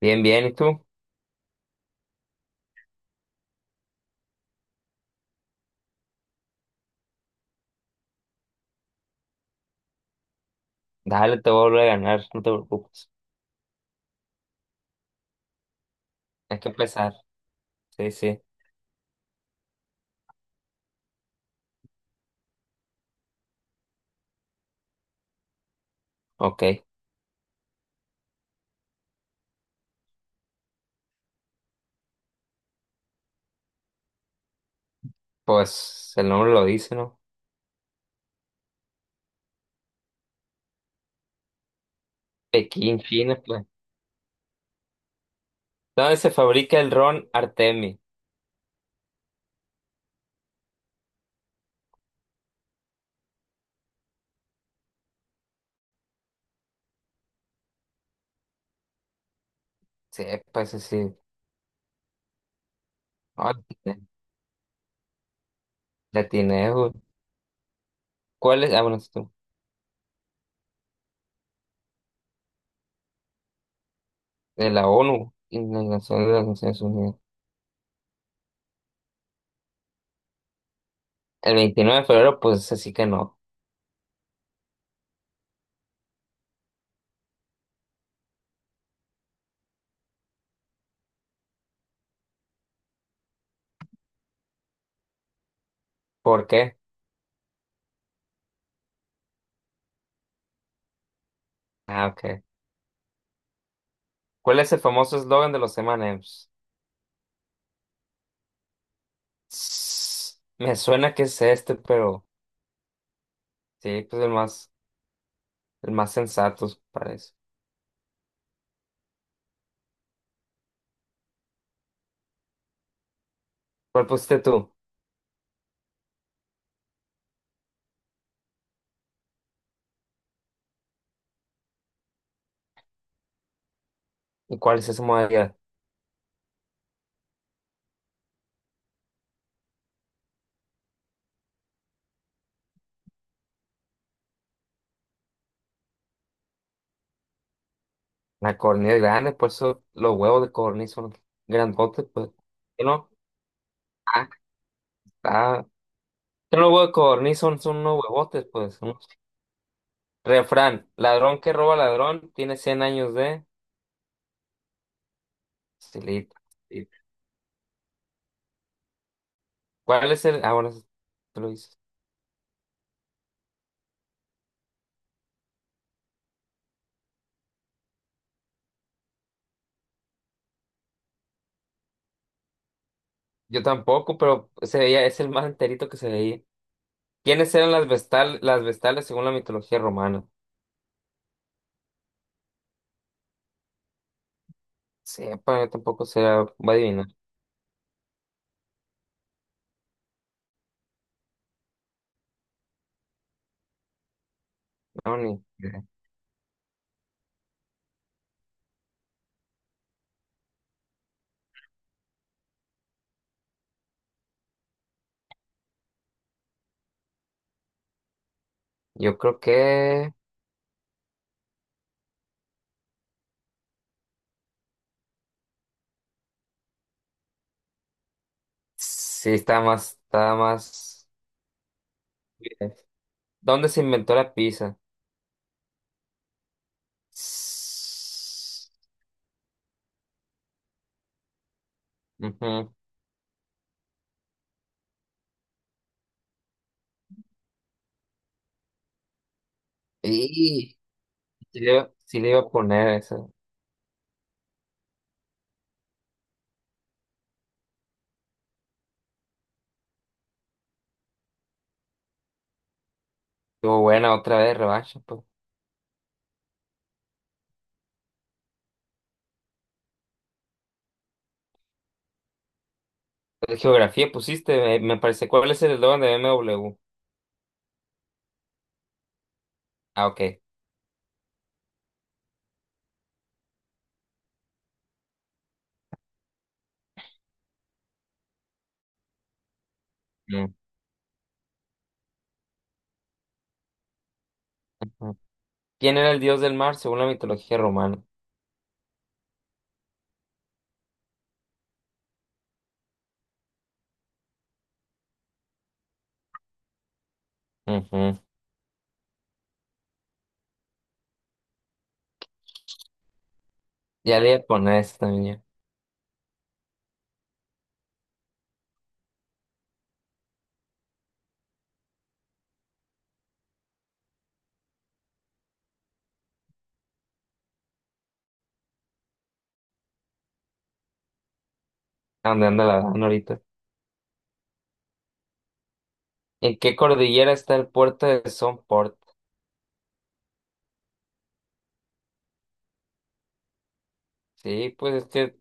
Bien, bien, ¿y tú? Dale, te voy a ganar, no te preocupes. Hay que empezar. Sí, sí. Ok. Pues el nombre lo dice, ¿no? Pekín, China, pues. ¿Dónde se fabrica el ron Artemi? Sí, pues sí. Ah, la tiene, güey. ¿Cuál es? Ah, bueno, es tú. De la ONU y Organización de las Naciones Unidas. El 29 de febrero, pues así que no. ¿Por qué? Ah, ok. ¿Cuál es el famoso eslogan de los M&M's? Me suena que es este, pero sí, pues el más sensato para eso. ¿Cuál pusiste tú? ¿Y cuál es esa modalidad? La codorniz grande, por eso los huevos de codorniz son grandotes, pues. ¿Qué no? Ah, está. Que los huevos de codorniz son, son unos huevotes, pues. Unos- Refrán, ladrón que roba ladrón tiene 100 años de... Silita. Sí. ¿Cuál es el...? Ah, bueno, eso tú lo dices. Yo tampoco, pero se veía, es el más enterito que se veía. ¿Quiénes eran las vestales según la mitología romana? Sepa, yo tampoco se va a adivinar. No, ni. Yo creo que sí está más. ¿Dónde se inventó la pizza? S- Ujú. Y sí le iba a poner eso. Estuvo buena otra vez, revancha, pues. De geografía pusiste, me parece. ¿Cuál es el eslogan de B m w? Ah, ok. Mm, ujú. ¿Quién era el dios del mar según la mitología romana? Ujú. Ya le iba a poner esta también. ¿A dónde anda la dan ahorita? ¿En qué cordillera está el puerto de Somport? Sí, pues es que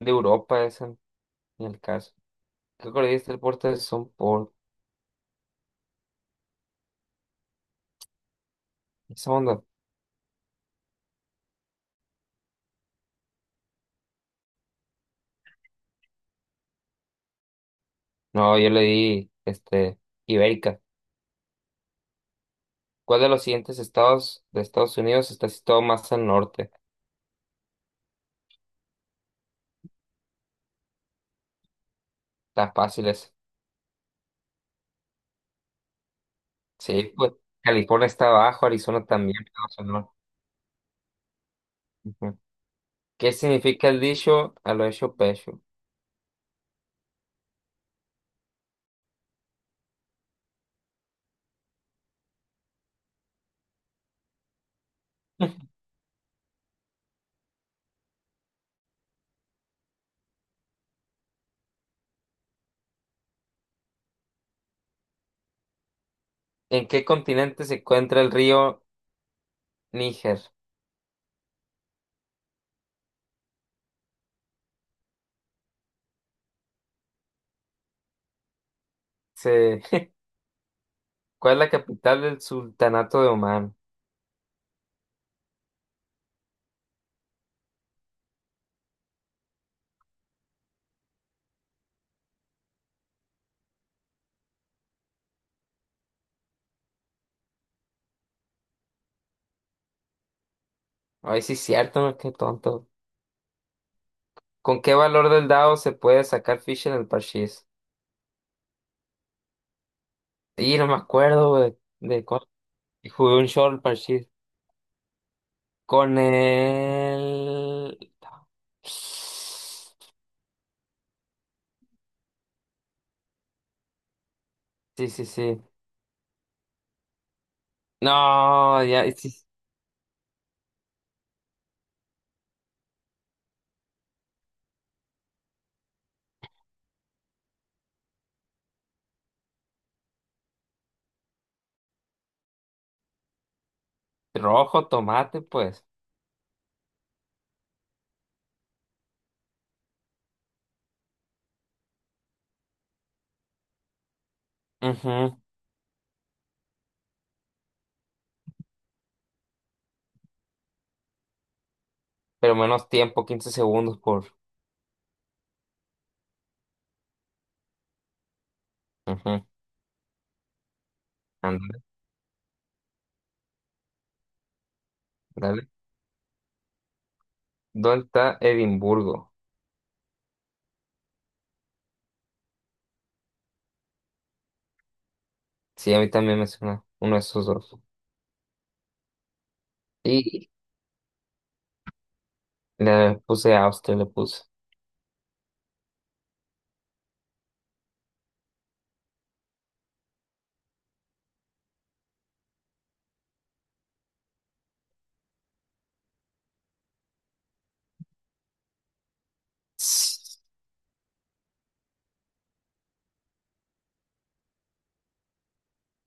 de Europa, esa, en el caso. ¿Qué le diste el puerto Son por ¿Esa onda? No, yo le di, este, Ibérica. ¿Cuál de los siguientes estados de Estados Unidos está situado más al norte? Está fácil esa. Sí, pues, California está abajo, Arizona también, pero hacia el Ujú. ¿Qué significa el dicho a lo hecho pecho? ¿En qué continente se encuentra el río Níger? Sí. ¿Cuál es la capital del Sultanato de Omán? Ay, sí, es cierto, ¿no? Qué tonto. ¿Con qué valor del dado se puede sacar ficha en el parchís? Y no me acuerdo de cuál. Y Jugué un short parchís. Con el... Sí, sí, sí. No, ya. y sí, Rojo, tomate, pues. Ujú. Pero menos tiempo, 15 segundos por... Ujú. Ándale, dale. ¿Dónde está Edimburgo? Sí, a mí también me suena uno de esos dos. Y le puse Austria, le puse.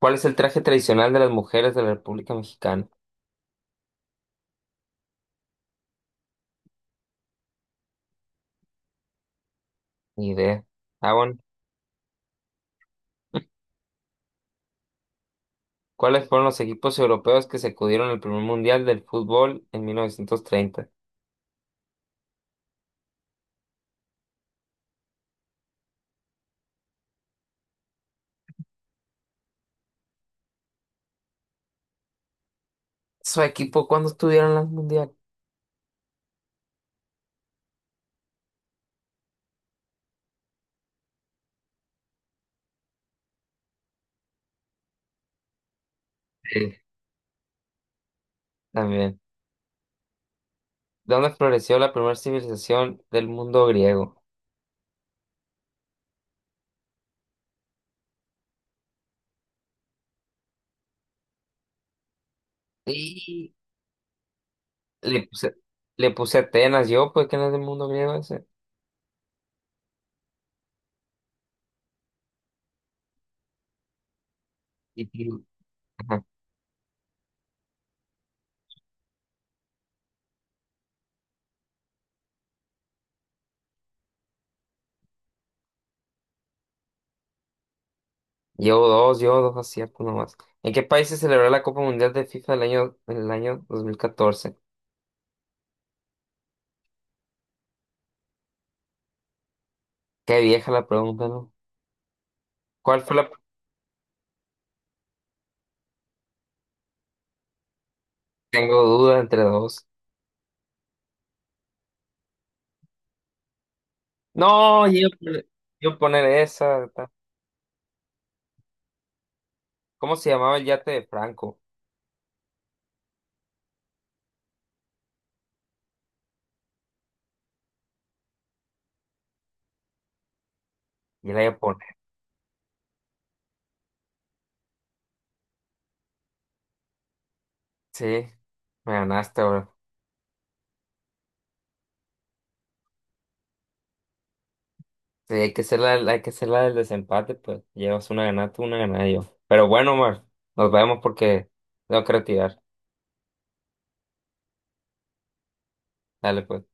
¿Cuál es el traje tradicional de las mujeres de la República Mexicana? Ni idea. Ah, bueno. ¿Cuáles fueron los equipos europeos que sacudieron el primer mundial del fútbol en 1930? ¿Su equipo cuándo estuvieron en el mundial? Sí, también. ¿Dónde floreció la primera civilización del mundo griego? Y le puse, le puse Atenas, yo, pues que no es del mundo griego ese. Y- ajá. Llevo dos aciertos nomás. ¿En qué país se celebró la Copa Mundial de FIFA el año 2014? Qué vieja la pregunta, ¿no? ¿Cuál fue la... Tengo dudas entre dos. No, yo poner esa. Ta- ¿Cómo se llamaba el yate de Franco? Y la iba a poner. Sí, me ganaste, bro. Sí, hay que ser la del desempate, pues. Llevas una ganada tú, una ganada yo. Pero bueno, Omar, nos vemos porque tengo que retirar. Dale, pues.